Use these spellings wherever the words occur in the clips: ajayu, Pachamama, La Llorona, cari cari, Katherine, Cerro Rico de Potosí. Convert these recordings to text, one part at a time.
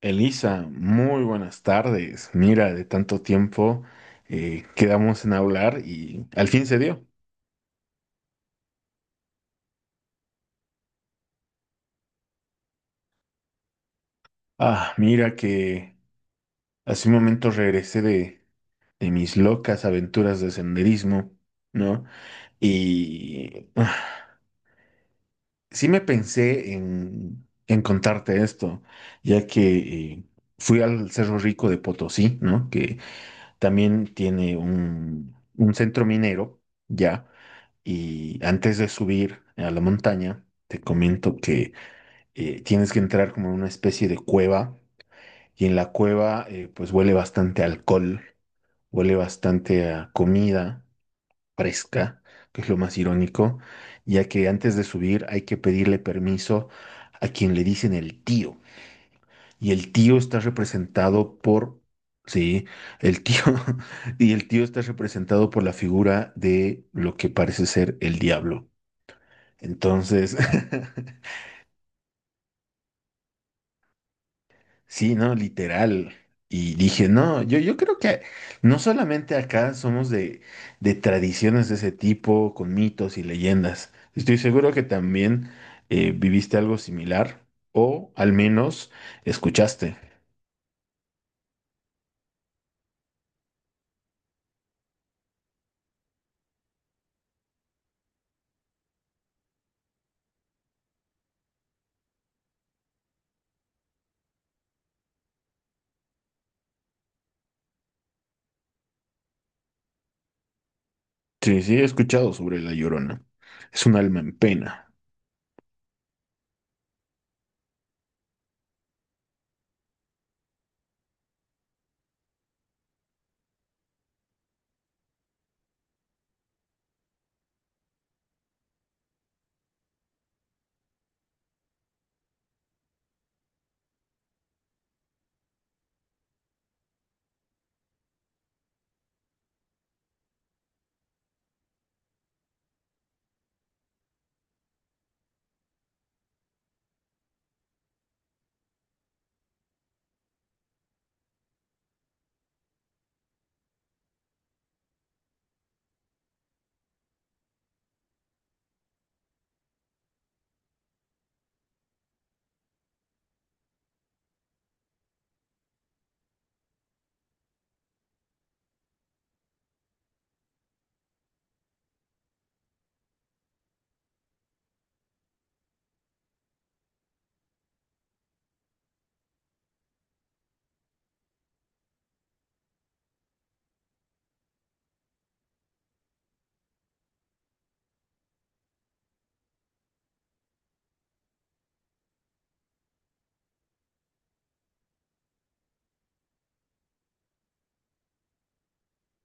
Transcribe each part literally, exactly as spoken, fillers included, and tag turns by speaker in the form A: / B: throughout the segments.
A: Elisa, muy buenas tardes. Mira, de tanto tiempo eh, quedamos en hablar y al fin se dio. Ah, mira que hace un momento regresé de, de mis locas aventuras de senderismo, ¿no? Y ah, sí me pensé en, en contarte esto, ya que eh, fui al Cerro Rico de Potosí, ¿no? Que también tiene un, un centro minero, ya. Y antes de subir a la montaña, te comento que eh, tienes que entrar como en una especie de cueva. Y en la cueva, eh, pues huele bastante a alcohol, huele bastante a comida fresca, que es lo más irónico, ya que antes de subir hay que pedirle permiso a quien le dicen el tío. Y el tío está representado por, sí, el tío, y el tío está representado por la figura de lo que parece ser el diablo. Entonces, sí, no, literal. Y dije, no, yo, yo creo que no solamente acá somos de, de tradiciones de ese tipo, con mitos y leyendas. Estoy seguro que también eh, viviste algo similar o al menos escuchaste. Sí, sí, he escuchado sobre La Llorona. Es un alma en pena.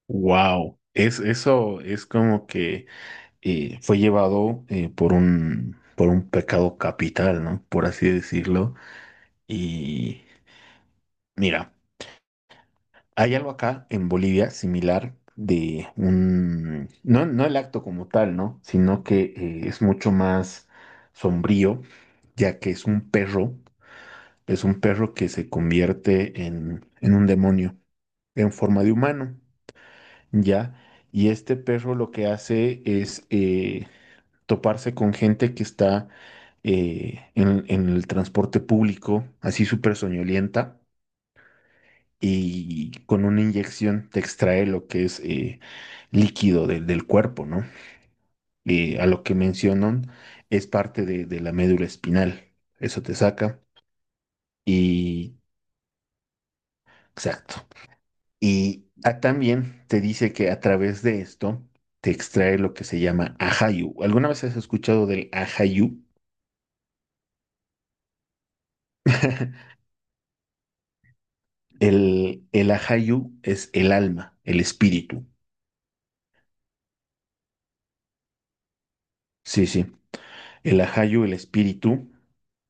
A: Wow. Es, eso es como que eh, fue llevado eh, por un, por un pecado capital, ¿no? Por así decirlo. Y mira, hay algo acá en Bolivia similar de un... No, no el acto como tal, ¿no? Sino que eh, es mucho más sombrío, ya que es un perro, es un perro que se convierte en, en un demonio en forma de humano. ¿Ya? Y este perro lo que hace es eh, toparse con gente que está eh, en, en el transporte público, así súper soñolienta, y con una inyección te extrae lo que es eh, líquido del del cuerpo, ¿no? Eh, a lo que mencionan es parte de, de la médula espinal, eso te saca y... Exacto. Y ah, también te dice que a través de esto te extrae lo que se llama ajayu. ¿Alguna vez has escuchado del ajayu? El, el ajayu es el alma, el espíritu. Sí, sí. El ajayu, el espíritu.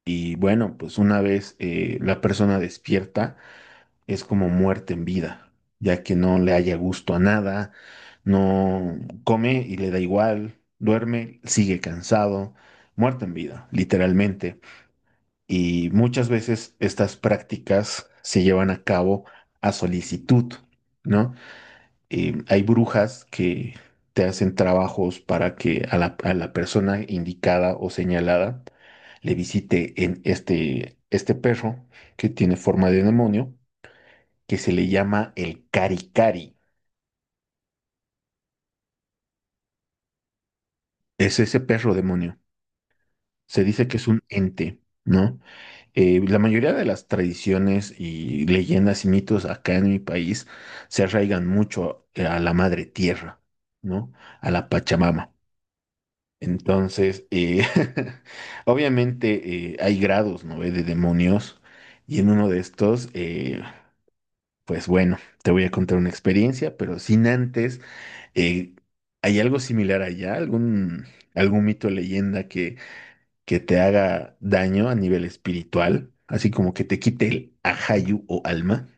A: Y bueno, pues una vez eh, la persona despierta, es como muerte en vida, ya que no le haya gusto a nada, no come y le da igual, duerme, sigue cansado, muerte en vida, literalmente. Y muchas veces estas prácticas se llevan a cabo a solicitud, ¿no? Eh, hay brujas que te hacen trabajos para que a la, a la persona indicada o señalada le visite en este, este perro que tiene forma de demonio, que se le llama el cari cari. Es ese perro demonio. Se dice que es un ente, ¿no? Eh, la mayoría de las tradiciones y leyendas y mitos acá en mi país se arraigan mucho eh, a la madre tierra, ¿no? A la Pachamama. Entonces, eh, obviamente eh, hay grados, ¿no? eh, De demonios y en uno de estos, eh, pues bueno, te voy a contar una experiencia, pero sin antes, eh, ¿hay algo similar allá? ¿Algún, algún mito o leyenda que que te haga daño a nivel espiritual, así como que te quite el ajayu o alma?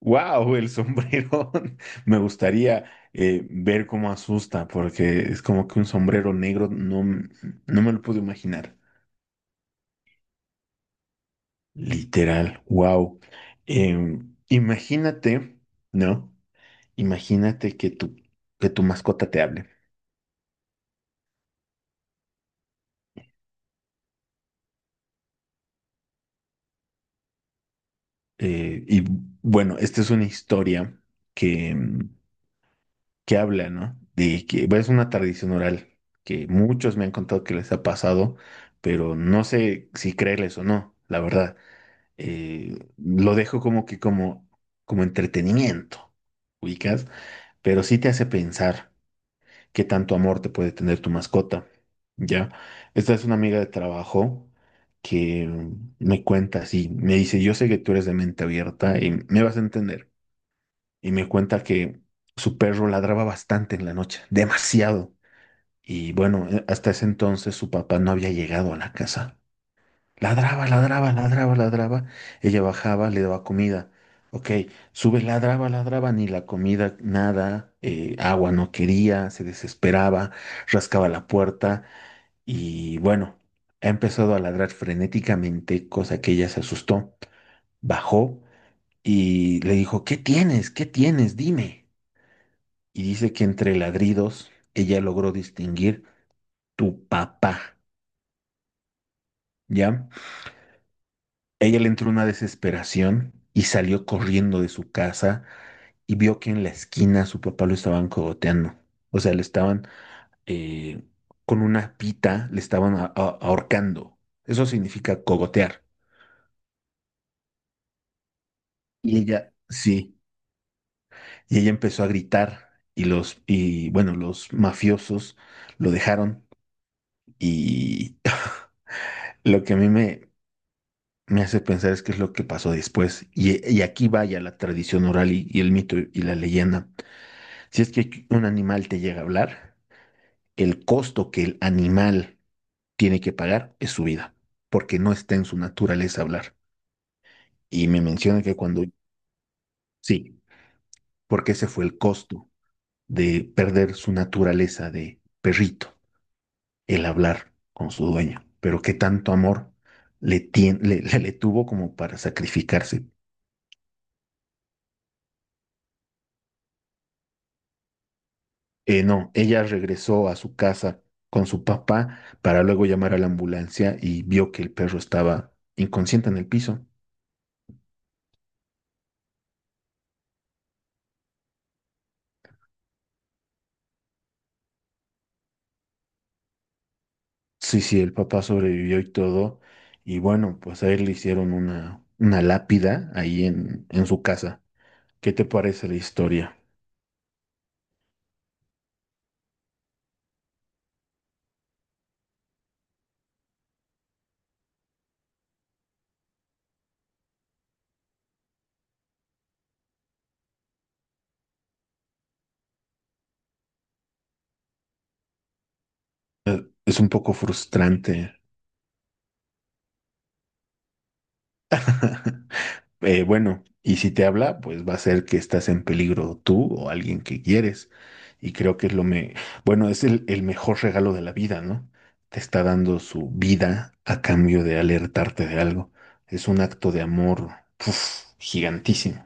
A: ¡Wow! El sombrero. Me gustaría eh, ver cómo asusta, porque es como que un sombrero negro, no, m- no me lo puedo imaginar. Literal, wow. Imagínate, ¿no? Imagínate que tu, que tu mascota te hable. Eh, y bueno, esta es una historia que que habla, ¿no? De que bueno, es una tradición oral que muchos me han contado que les ha pasado, pero no sé si creerles o no, la verdad. Eh, lo dejo como que como, como entretenimiento, ubicas, pero sí te hace pensar qué tanto amor te puede tener tu mascota, ¿ya? Esta es una amiga de trabajo que me cuenta así, me dice, yo sé que tú eres de mente abierta y me vas a entender y me cuenta que su perro ladraba bastante en la noche, demasiado. Y bueno, eh, hasta ese entonces su papá no había llegado a la casa. Ladraba, ladraba, ladraba, ladraba. Ella bajaba, le daba comida. Ok, sube, ladraba, ladraba, ni la comida, nada, eh, agua no quería, se desesperaba, rascaba la puerta y bueno, ha empezado a ladrar frenéticamente, cosa que ella se asustó. Bajó y le dijo, ¿qué tienes? ¿Qué tienes? Dime, y dice que entre ladridos ella logró distinguir tu papá, ¿ya? Ella le entró una desesperación y salió corriendo de su casa y vio que en la esquina su papá lo estaban cogoteando. O sea, le estaban eh, con una pita, le estaban a- a- ahorcando. Eso significa cogotear. Y ella, sí, y ella empezó a gritar y los, y bueno, los mafiosos lo dejaron y... Lo que a mí me, me hace pensar es qué es lo que pasó después. Y, y aquí vaya la tradición oral y, y el mito y la leyenda. Si es que un animal te llega a hablar, el costo que el animal tiene que pagar es su vida, porque no está en su naturaleza hablar. Y me menciona que cuando, sí, porque ese fue el costo de perder su naturaleza de perrito, el hablar con su dueño. Pero qué tanto amor le, tien- le, le le tuvo como para sacrificarse. Eh, no, ella regresó a su casa con su papá para luego llamar a la ambulancia y vio que el perro estaba inconsciente en el piso. Sí, sí, el papá sobrevivió y todo. Y bueno, pues a él le hicieron una, una lápida ahí en, en su casa. ¿Qué te parece la historia? Es un poco frustrante. Eh, bueno, y si te habla, pues va a ser que estás en peligro tú o alguien que quieres. Y creo que es lo me, bueno, es el, el mejor regalo de la vida, ¿no? Te está dando su vida a cambio de alertarte de algo. Es un acto de amor, uf, gigantísimo.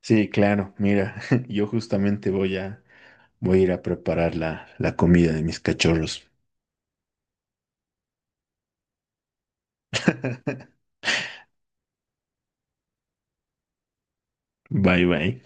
A: Sí, claro, mira, yo justamente voy a, voy a ir a preparar la, la comida de mis cachorros. Bye, bye.